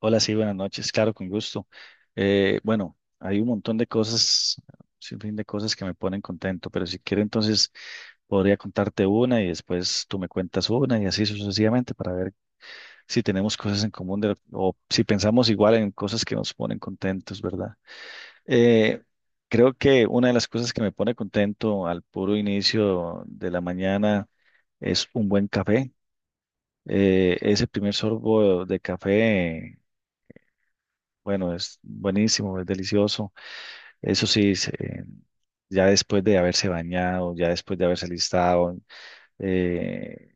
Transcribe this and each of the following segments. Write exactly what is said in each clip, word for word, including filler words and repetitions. Hola, sí, buenas noches, claro, con gusto. Eh, bueno, hay un montón de cosas, sin fin de cosas que me ponen contento, pero si quiero entonces podría contarte una y después tú me cuentas una y así sucesivamente para ver si tenemos cosas en común de lo- o si pensamos igual en cosas que nos ponen contentos, ¿verdad? Eh, Creo que una de las cosas que me pone contento al puro inicio de la mañana es un buen café. Eh, ese primer sorbo de café. Bueno, es buenísimo, es delicioso. Eso sí, se- eh, ya después de haberse bañado, ya después de haberse listado, eh,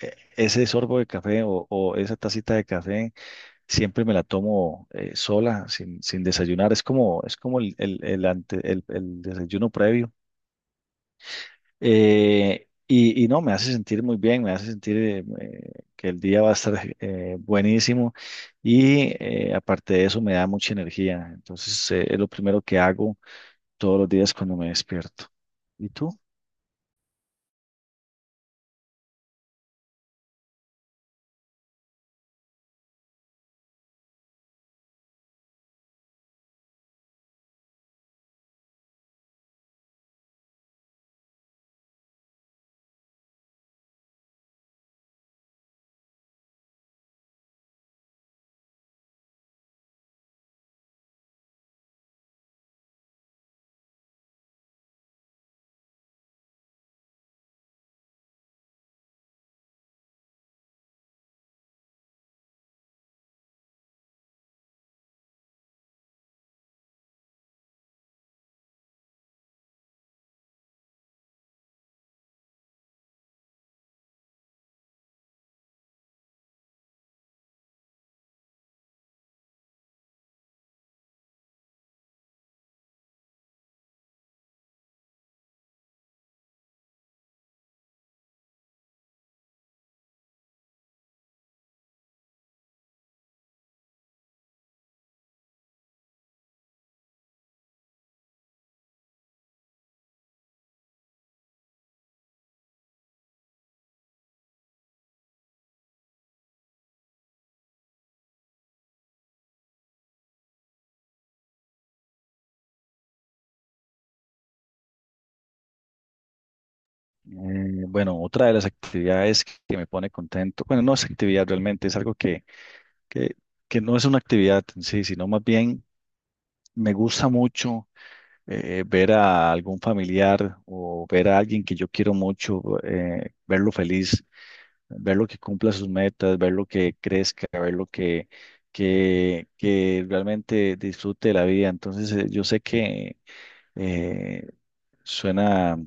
e- ese sorbo de café o, o esa tacita de café siempre me la tomo eh, sola, sin, sin desayunar. Es como, es como el, el, el ante- el- el desayuno previo. Eh, y, y no, me hace sentir muy bien, me hace sentir eh, eh, que el día va a estar eh, buenísimo y eh, aparte de eso me da mucha energía. Entonces eh, es lo primero que hago todos los días cuando me despierto. ¿Y tú? Eh, bueno, otra de las actividades que me pone contento, bueno, no es actividad realmente, es algo que, que, que no es una actividad en sí, sino más bien me gusta mucho eh, ver a algún familiar o ver a alguien que yo quiero mucho, eh, verlo feliz. Ver lo que cumpla sus metas, ver lo que crezca, ver lo que, que, que realmente disfrute de la vida. Entonces, eh, yo sé que eh, suena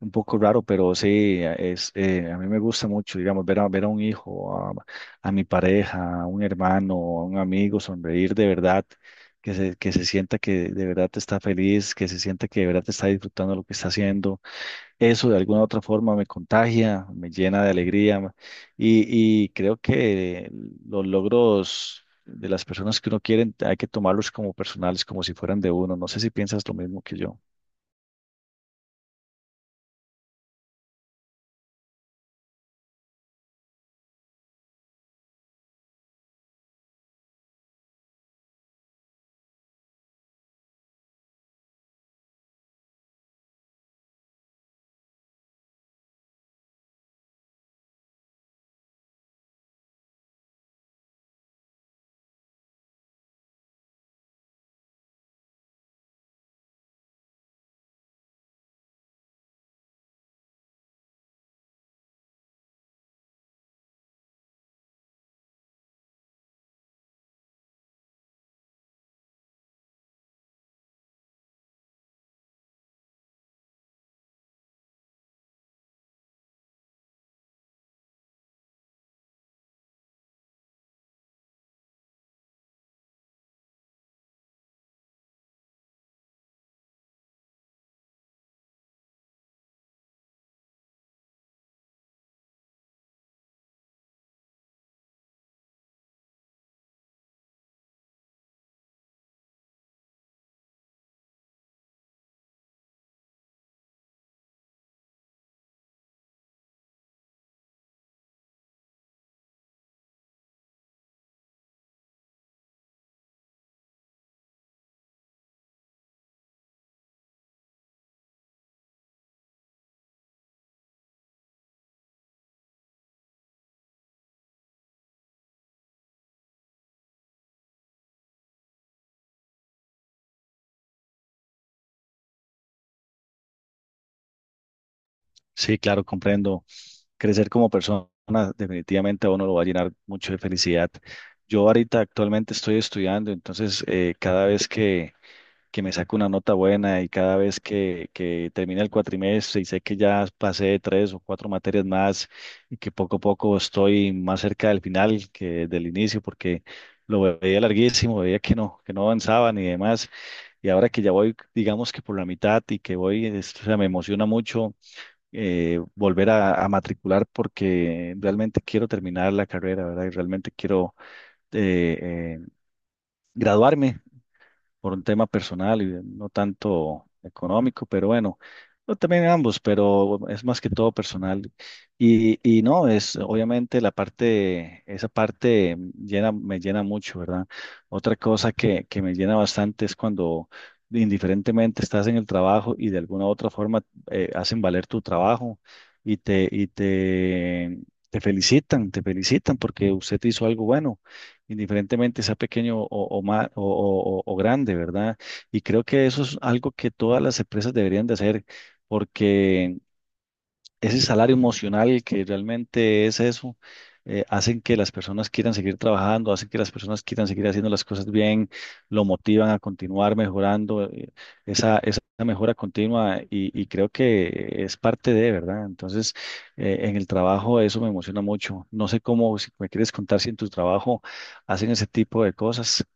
un poco raro, pero sí, es, eh, a mí me gusta mucho, digamos, ver a, ver a un hijo, a, a mi pareja, a un hermano, a un amigo, sonreír de verdad. Que se, que se sienta que de verdad está feliz, que se sienta que de verdad está disfrutando lo que está haciendo. Eso de alguna u otra forma me contagia, me llena de alegría ma- y, y creo que los logros de las personas que uno quiere hay que tomarlos como personales, como si fueran de uno. No sé si piensas lo mismo que yo. Sí, claro, comprendo. Crecer como persona definitivamente a uno lo va a llenar mucho de felicidad. Yo ahorita actualmente estoy estudiando, entonces eh, cada vez que que me saco una nota buena y cada vez que, que termina el cuatrimestre y sé que ya pasé tres o cuatro materias más y que poco a poco estoy más cerca del final que del inicio porque lo veía larguísimo, veía que no, que no avanzaban y demás. Y ahora que ya voy, digamos que por la mitad y que voy, es- o sea, me emociona mucho eh, volver a, a matricular porque realmente quiero terminar la carrera, ¿verdad? Y realmente quiero eh, eh, graduarme por un tema personal y no tanto económico, pero bueno, no, también ambos, pero es más que todo personal. Y, y no, es obviamente la parte, esa parte llena, me llena mucho, ¿verdad? Otra cosa que, que me llena bastante es cuando indiferentemente estás en el trabajo y de alguna u otra forma eh, hacen valer tu trabajo y te, y te, te felicitan, te felicitan porque usted hizo algo bueno indiferentemente sea pequeño o, o, ma- o, o- o- o grande, ¿verdad? Y creo que eso es algo que todas las empresas deberían de hacer, porque ese salario emocional que realmente es eso, eh, hacen que las personas quieran seguir trabajando, hacen que las personas quieran seguir haciendo las cosas bien, lo motivan a continuar mejorando, eh, esa, esa mejora continua y, y creo que es parte de, ¿verdad? Entonces, eh, en el trabajo eso me emociona mucho. No sé cómo, si me quieres contar si en tu trabajo hacen ese tipo de cosas.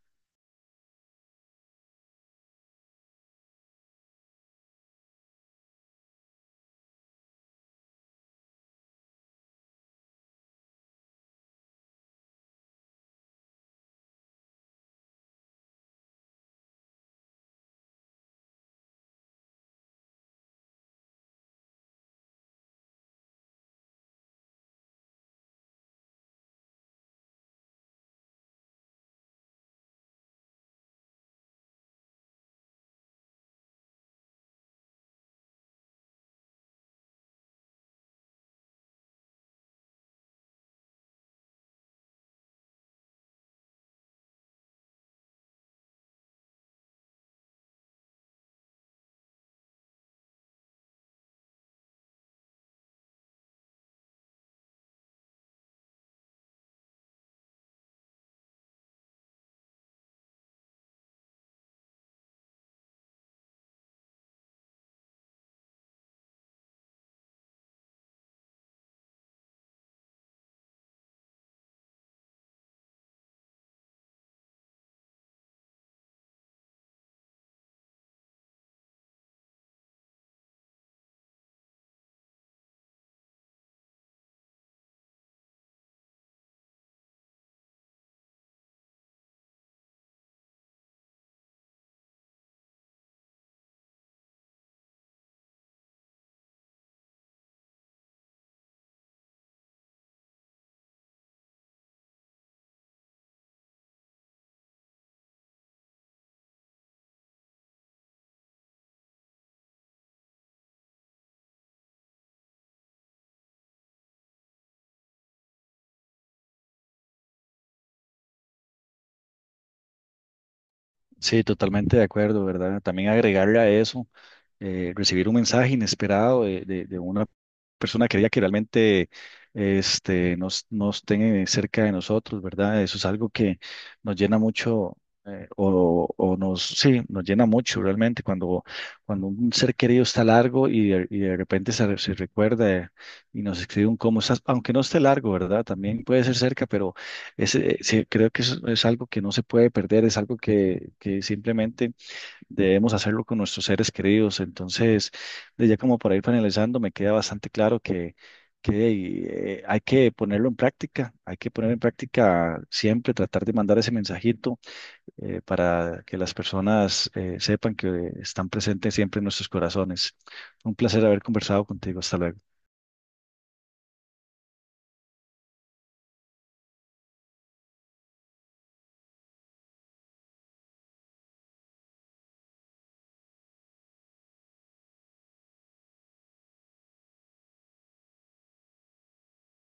Sí, totalmente de acuerdo, ¿verdad? También agregarle a eso, eh, recibir un mensaje inesperado de, de- de una persona querida que realmente este, nos, nos tenga cerca de nosotros, ¿verdad? Eso es algo que nos llena mucho, eh, o, o nos, sí, nos llena mucho realmente cuando, cuando un ser querido está largo y de, y de repente se, se recuerda y nos escribe un cómo estás, aunque no esté largo, ¿verdad? También puede ser cerca, pero es, eh, sí, creo que eso es algo que no se puede perder, es algo que, que simplemente debemos hacerlo con nuestros seres queridos. Entonces, de ya como para ir finalizando, me queda bastante claro que, que eh, hay que ponerlo en práctica, hay que poner en práctica siempre, tratar de mandar ese mensajito eh, para que las personas eh, sepan que están presentes siempre en nuestros corazones. Un placer haber conversado contigo, hasta luego.